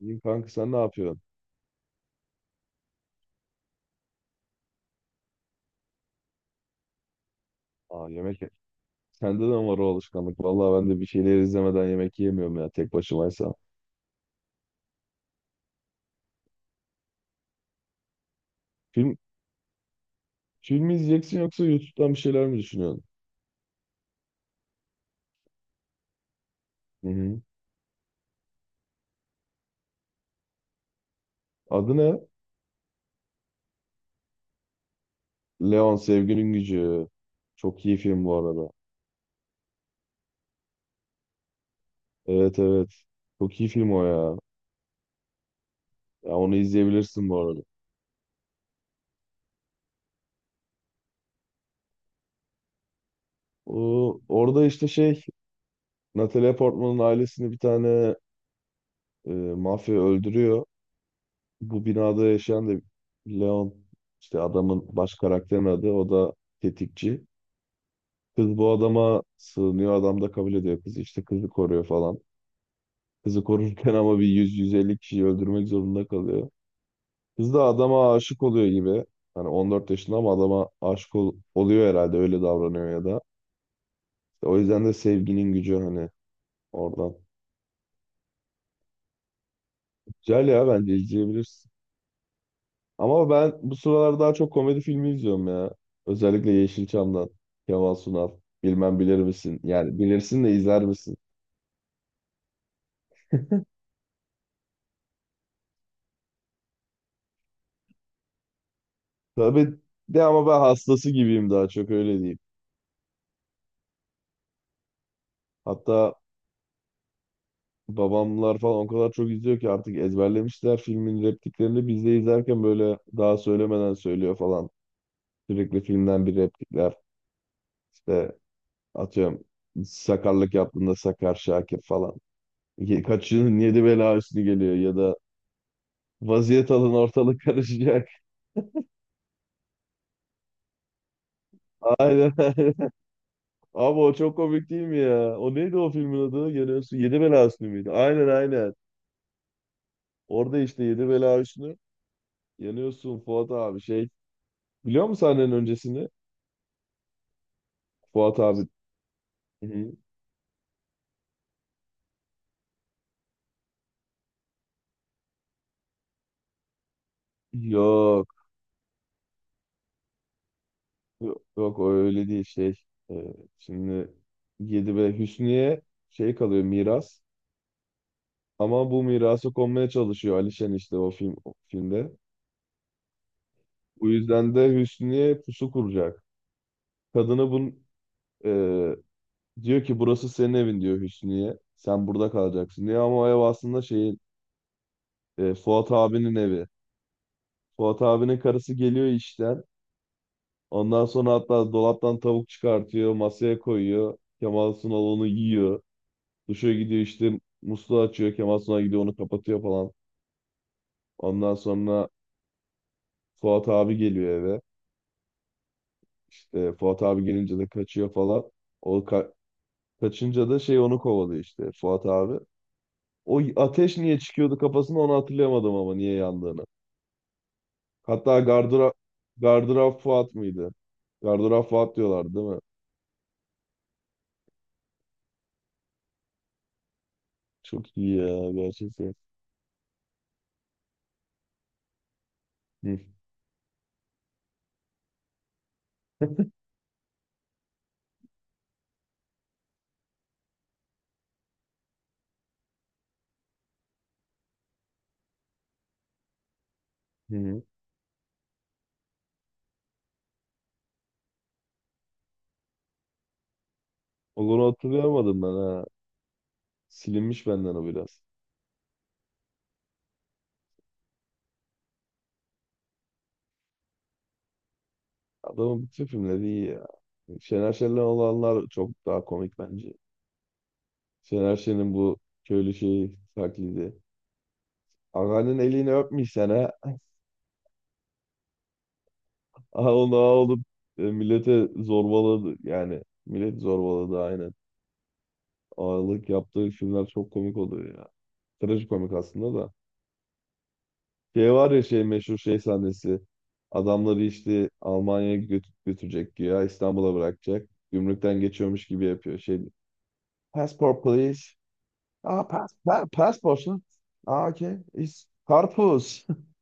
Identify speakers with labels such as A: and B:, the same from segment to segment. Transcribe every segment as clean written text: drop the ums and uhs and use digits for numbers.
A: İyiyim kanka, sen ne yapıyorsun? Aa, yemek sende de mi var o alışkanlık? Vallahi ben de bir şeyler izlemeden yemek yemiyorum ya, tek başımaysa. Film film mi izleyeceksin yoksa YouTube'dan bir şeyler mi düşünüyorsun? Hı hı. Adı ne? Leon Sevginin Gücü. Çok iyi film bu arada. Evet, evet. Çok iyi film o ya. Ya onu izleyebilirsin bu arada. Orada işte şey, Natalie Portman'ın ailesini bir tane e, mafya öldürüyor. Bu binada yaşayan da Leon, işte adamın, baş karakterin adı o da tetikçi. Kız bu adama sığınıyor, adam da kabul ediyor kızı, işte kızı koruyor falan. Kızı korurken ama bir 100-150 kişiyi öldürmek zorunda kalıyor. Kız da adama aşık oluyor gibi. Hani 14 yaşında ama adama aşık oluyor herhalde, öyle davranıyor ya da. İşte o yüzden de sevginin gücü, hani oradan. Güzel ya, bence izleyebilirsin. Ama ben bu sıralar daha çok komedi filmi izliyorum ya. Özellikle Yeşilçam'dan. Kemal Sunal. Bilmem bilir misin? Yani bilirsin de izler misin? Tabii de ama ben hastası gibiyim, daha çok öyle diyeyim. Hatta babamlar falan o kadar çok izliyor ki artık ezberlemişler filmin repliklerini. Biz de izlerken böyle daha söylemeden söylüyor falan. Sürekli filmden bir replikler. İşte atıyorum, sakarlık yaptığında Sakar Şakir falan. Kaçının yedi bela üstüne geliyor, ya da vaziyet alın ortalık karışacak. Aynen, aynen. Abi o çok komik değil mi ya? O neydi o filmin adı? Yanıyorsun. Yedi Bela Hüsnü müydü? Aynen, aynen. Orada işte Yedi Bela Hüsnü. Yanıyorsun Fuat abi şey. Biliyor musun sahnenin öncesini? Fuat abi. Hı, hı. Yok. Yok, o öyle değil şey. Ee, Şimdi Yedi Bela Hüsnü'ye şey kalıyor, miras. Ama bu mirası konmaya çalışıyor Alişen, işte o film o filmde. Bu yüzden de Hüsnü'ye pusu kuracak. Kadını bun, e, Diyor ki burası senin evin, diyor Hüsnü'ye. Sen burada kalacaksın diyor, ama o ev aslında şeyin, Fuat abinin evi. Fuat abinin karısı geliyor işten. Ondan sonra hatta dolaptan tavuk çıkartıyor, masaya koyuyor. Kemal Sunal onu yiyor. Duşa gidiyor, işte musluğu açıyor. Kemal Sunal gidiyor onu kapatıyor falan. Ondan sonra Fuat abi geliyor eve. İşte Fuat abi gelince de kaçıyor falan. O ka- Kaçınca da şey onu kovalıyor işte Fuat abi. O ateş niye çıkıyordu kafasında, onu hatırlayamadım, ama niye yandığını. Hatta Gardırop Fuat mıydı? Gardırop Fuat diyorlar değil mi? Çok iyi ya gerçekten. Hı. Hı. Onu hatırlayamadım ben ha. Silinmiş benden o biraz. Adamın bütün filmleri iyi ya. Şener Şen'le olanlar çok daha komik bence. Şener Şen'in bu köylü şeyi taklidi. Ağanın elini öpmüşsen ha. Aha, onu ağa olup millete zorbaladı. Yani millet zorbaladı, aynen. Ağalık yaptığı filmler çok komik oluyor ya. Trajikomik aslında da. Şey var ya, şey meşhur şey sahnesi. Adamları işte Almanya'ya götürecek ya, İstanbul'a bırakacak. Gümrükten geçiyormuş gibi yapıyor. Şey, passport please. Ah, passport lan. Ah, okay. It's karpuz.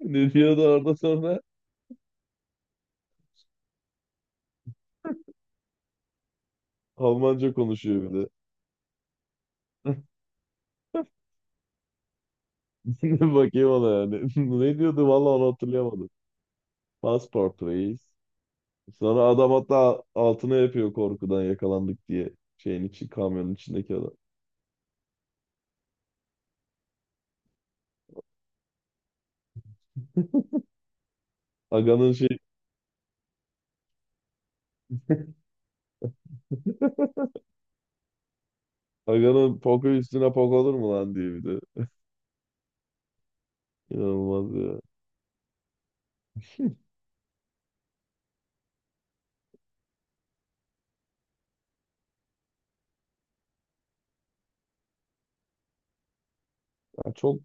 A: Ne diyordu orada sonra? Almanca konuşuyor bir de. Bakayım ona yani. Ne diyordu vallahi, onu hatırlayamadım. Passport please. Sonra adam hatta altına yapıyor korkudan, yakalandık diye. Şeyin içi, kamyonun içindeki adam. Aga'nın şey, Aga'nın poku üstüne pok olur mu lan diye bir de. İnanılmaz ya. Ya çok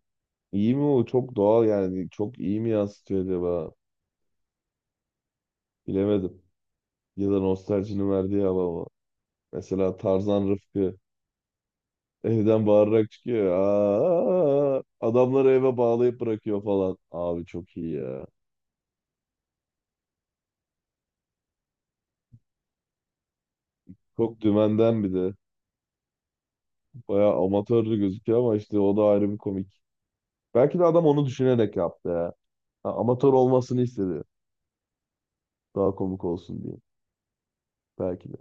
A: iyi mi o? Çok doğal yani. Çok iyi mi yansıtıyor acaba? Bilemedim. Ya da nostaljinin verdiği hava mı? Mesela Tarzan Rıfkı evden bağırarak çıkıyor. Aa, adamları eve bağlayıp bırakıyor falan. Abi çok iyi ya. Çok dümenden bir de. Bayağı amatörlü gözüküyor ama işte o da ayrı bir komik. Belki de adam onu düşünerek yaptı ya. Ha, amatör olmasını istedi. Daha komik olsun diye. Belki de.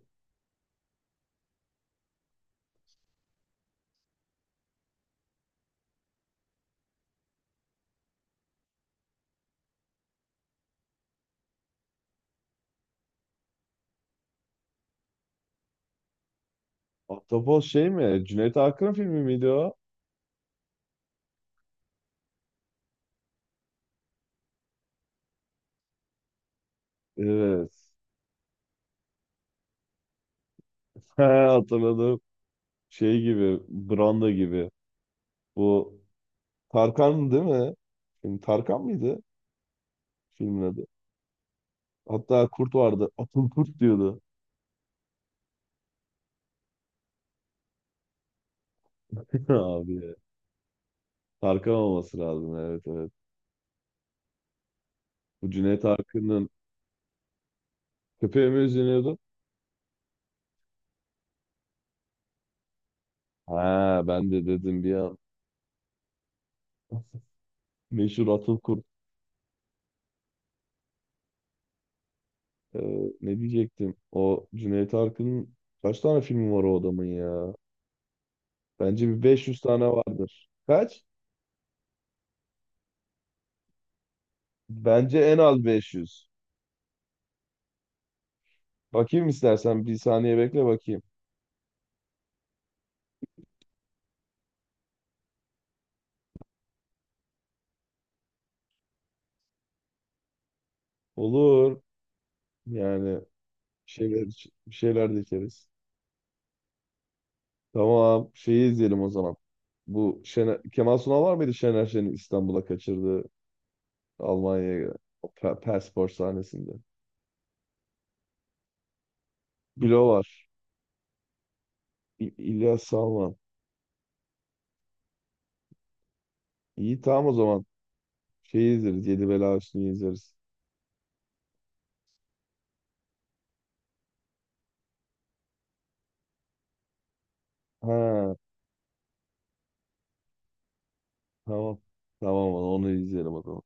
A: Ahtapot şey mi? Cüneyt Arkın filmi miydi o? Evet. He, hatırladım. Şey gibi, branda gibi. Bu Tarkan değil mi? Şimdi Tarkan mıydı filmin adı? Hatta kurt vardı. Atıl kurt diyordu. Abi ya. Tarkan olması lazım. Evet, evet. Bu Cüneyt Arkın'ın köpeği mi üzülüyordu? Ha ben de dedim bir an. Meşhur Atıl Kurt. Ee, Ne diyecektim? O Cüneyt Arkın'ın kaç tane filmi var o adamın ya? Bence bir 500 tane vardır. Kaç? Bence en az 500. Bakayım istersen, bir saniye bekle bakayım. Olur. Yani bir şeyler, bir şeyler dikeriz. Tamam. Şeyi izleyelim o zaman. Bu Şener, Kemal Sunal var mıydı Şener Şen'in İstanbul'a kaçırdığı Almanya'ya o Perspor sahnesinde? Bilo var. İlyas Salman. İyi, tamam o zaman. Şeyi izleriz. Yedi Bela Hüsnü'yü izleriz. Ha, tamam. Tamam, onu izleyelim o zaman.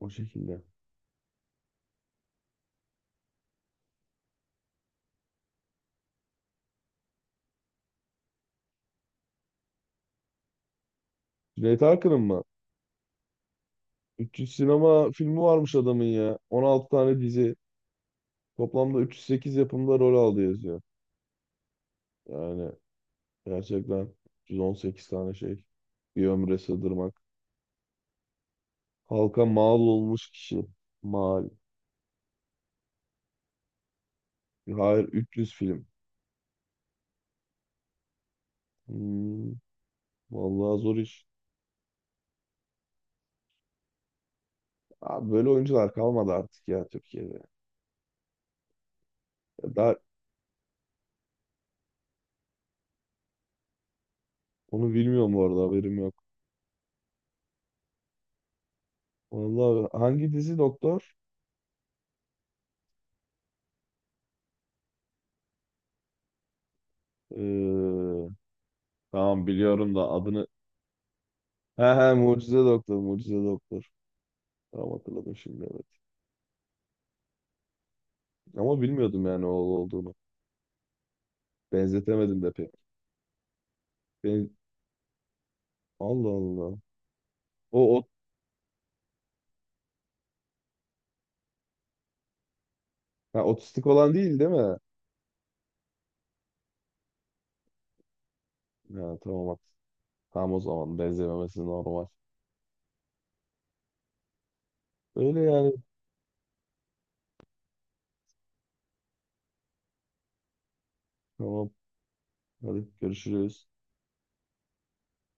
A: O şekilde. Cüneyt Arkın'ın mı? 300 sinema filmi varmış adamın ya. 16 tane dizi. Toplamda 308 yapımda rol aldı yazıyor. Yani gerçekten 318 tane şey. Bir ömre sığdırmak. Halka mal olmuş kişi. Mal. Hayır, 300 film. Hmm, vallahi zor iş. Abi böyle oyuncular kalmadı artık ya Türkiye'de. Ya daha onu bilmiyorum bu arada, haberim yok. Vallahi hangi dizi doktor? Ee, tamam biliyorum da adını. He he, Mucize Doktor, Mucize Doktor. Tamam, hatırladım şimdi, evet. Ama bilmiyordum yani o olduğunu. Benzetemedim de pek. Ben... Allah Allah. O, o... Ha, otistik olan değil değil mi? Ha, tamam. Tamam o zaman, benzememesi normal. Öyle yani. Tamam. Hadi görüşürüz.